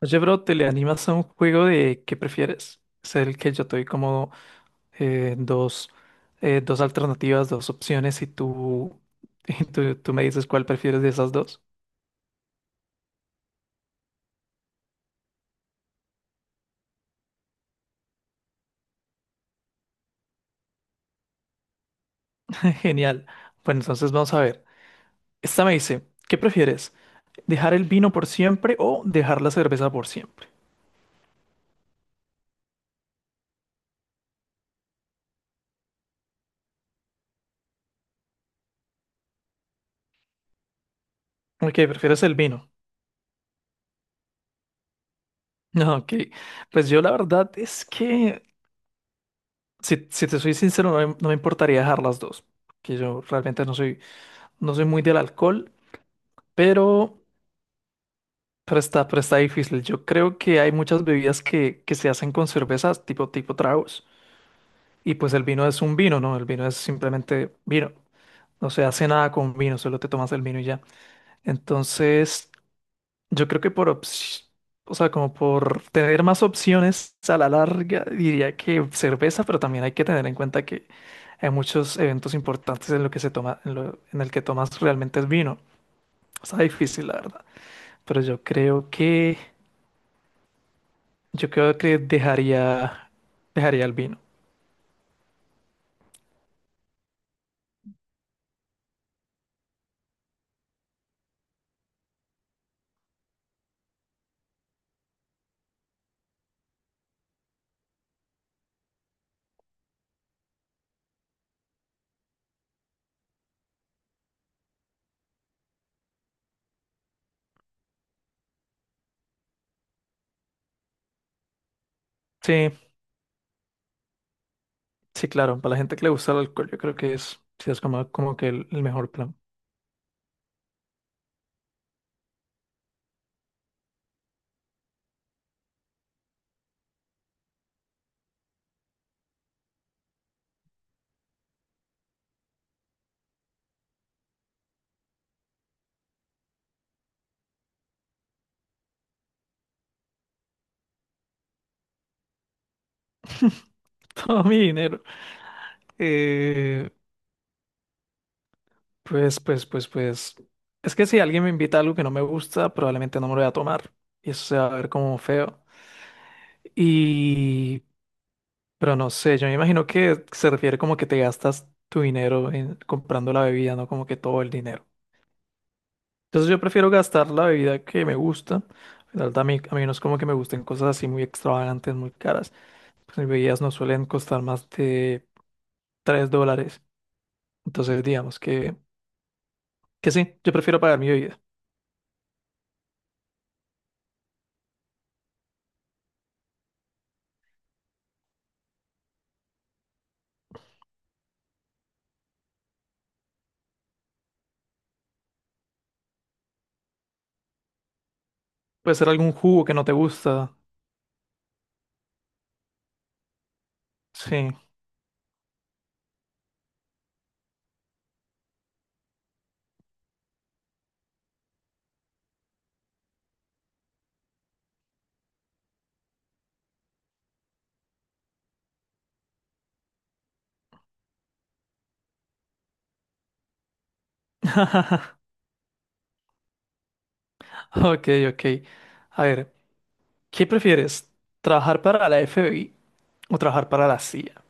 Oye, bro, ¿te le animas a un juego de qué prefieres? Es el que yo te doy como eh, dos, dos alternativas, dos opciones y tú me dices cuál prefieres de esas dos. Genial. Bueno, entonces vamos a ver. Esta me dice, ¿qué prefieres? ¿Dejar el vino por siempre o dejar la cerveza por siempre? Ok, prefieres el vino. No, ok, pues yo la verdad es que, si te soy sincero, no me importaría dejar las dos, que yo realmente no soy, no soy muy del alcohol, pero, pero está difícil. Yo creo que hay muchas bebidas que se hacen con cervezas, tipo tragos. Y pues el vino es un vino, ¿no? El vino es simplemente vino. No se hace nada con vino, solo te tomas el vino y ya. Entonces, yo creo que o sea, como por tener más opciones a la larga, diría que cerveza, pero también hay que tener en cuenta que hay muchos eventos importantes en lo que se toma, en el que tomas realmente es vino. Está difícil, la verdad. Pero yo creo que Yo creo que dejaría el vino. Sí, sí, claro. Para la gente que le gusta el alcohol, yo creo que es, sí, es como, el mejor plan. Todo mi dinero. Eh, pues. Es que si alguien me invita a algo que no me gusta, probablemente no me lo voy a tomar. Y eso se va a ver como feo. Y, pero no sé, yo me imagino que se refiere como que te gastas tu dinero en comprando la bebida, no como que todo el dinero. Entonces yo prefiero gastar la bebida que me gusta. La verdad, a mí no es como que me gusten cosas así muy extravagantes, muy caras. Pues mis bebidas no suelen costar más de $3. Entonces digamos que sí, yo prefiero pagar mi bebida. Puede ser algún jugo que no te gusta. Sí. Ok, ok. A ver, ¿qué prefieres? ¿Trabajar para la FBI o trabajar para la CIA?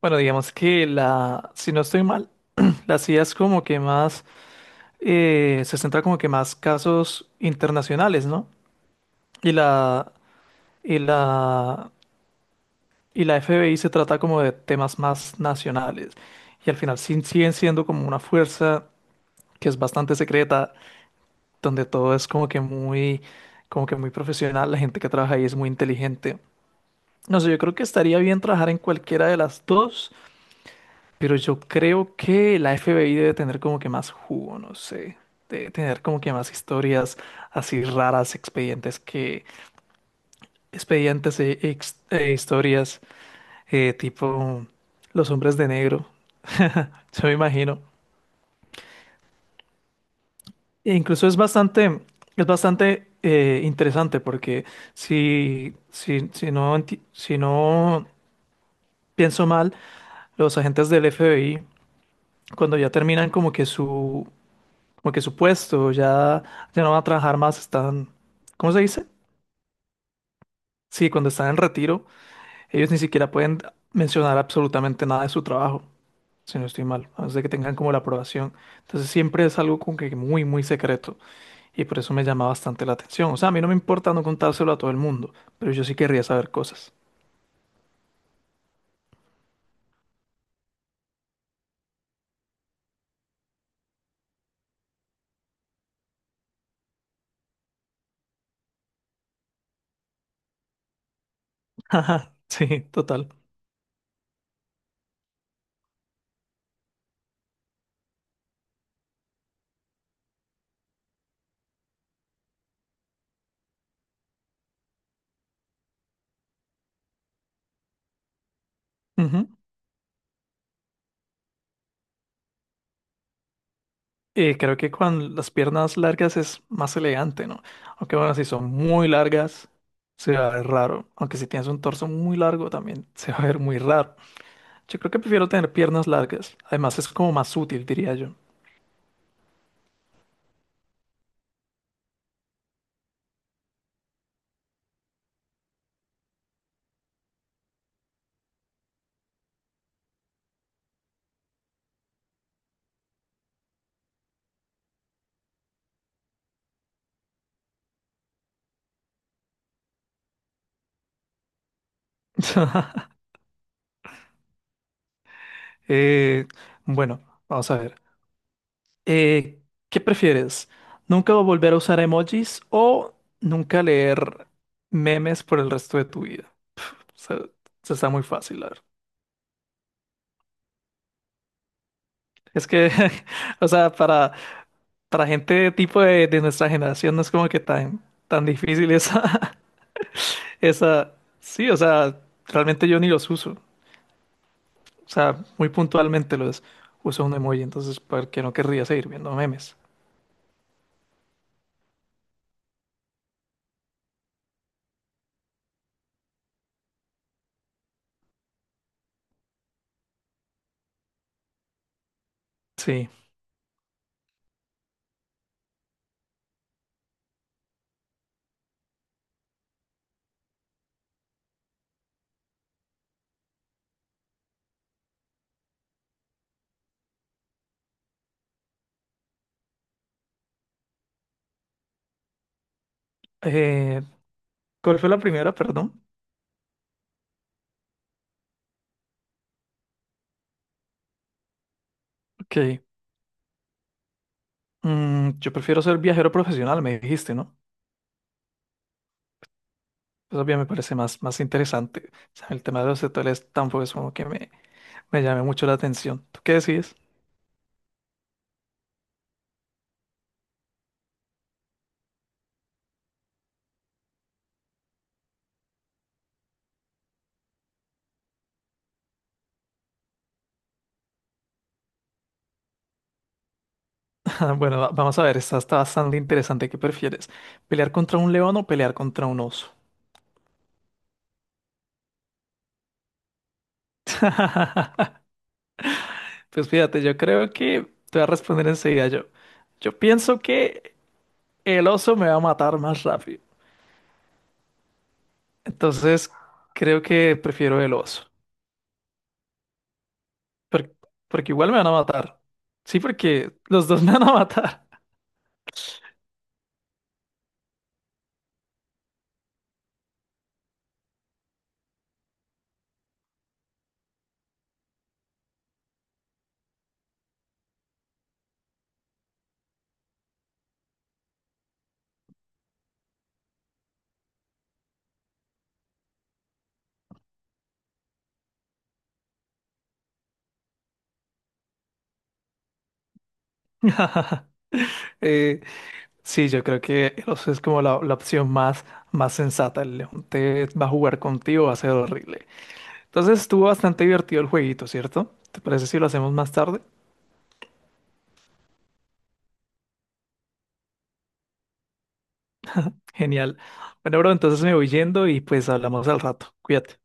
Bueno, digamos que la, si no estoy mal, la CIA es como que más se centra como que más casos internacionales, ¿no? Y la, y la, y la FBI se trata como de temas más nacionales. Y al final siguen siendo como una fuerza que es bastante secreta, donde todo es como que muy profesional, la gente que trabaja ahí es muy inteligente. No sé, yo creo que estaría bien trabajar en cualquiera de las dos. Pero yo creo que la FBI debe tener como que más jugo, no sé. Debe tener como que más historias así raras, expedientes que... Expedientes e historias tipo los hombres de negro. Yo me imagino. E incluso es bastante interesante porque si no pienso mal, los agentes del FBI, cuando ya terminan como que su puesto, ya, ya no van a trabajar más, están, ¿cómo se dice? Sí, cuando están en retiro, ellos ni siquiera pueden mencionar absolutamente nada de su trabajo, si no estoy mal, a menos de que tengan como la aprobación. Entonces siempre es algo como que muy, muy secreto y por eso me llama bastante la atención. O sea, a mí no me importa no contárselo a todo el mundo, pero yo sí querría saber cosas. Ajá, sí, total. Y creo que con las piernas largas es más elegante, ¿no? Aunque bueno, si son muy largas, se va a ver raro. Aunque si tienes un torso muy largo, también se va a ver muy raro. Yo creo que prefiero tener piernas largas. Además, es como más útil, diría yo. Eh, bueno, vamos a ver. Eh, ¿Qué prefieres? ¿Nunca volver a usar emojis o nunca leer memes por el resto de tu vida? O sea, eso está muy fácil, la verdad. Es que, o sea, para... Para gente tipo de nuestra generación no es como que tan difícil esa, esa... Sí, o sea, realmente yo ni los uso. O sea, muy puntualmente los uso un emoji, entonces, ¿por qué no querría seguir viendo memes? Sí. Eh, ¿Cuál fue la primera? Perdón. Ok. Mm, yo prefiero ser viajero profesional, me dijiste, ¿no? Eso bien me parece más, más interesante. O sea, el tema de los hoteles tampoco es como que me llame mucho la atención. ¿Tú qué decides? Bueno, vamos a ver, esta está bastante interesante. ¿Qué prefieres? ¿Pelear contra un león o pelear contra un oso? Pues fíjate, yo creo que te voy a responder enseguida yo. Yo pienso que el oso me va a matar más rápido. Entonces, creo que prefiero el oso. Por- porque igual me van a matar. Sí, porque los dos me van a matar. Eh, sí, yo creo que el oso es como la opción más, más sensata. El león te va a jugar contigo, va a ser horrible. Entonces estuvo bastante divertido el jueguito, ¿cierto? ¿Te parece si lo hacemos más tarde? Genial. Bueno, bro, entonces me voy yendo y pues hablamos al rato. Cuídate.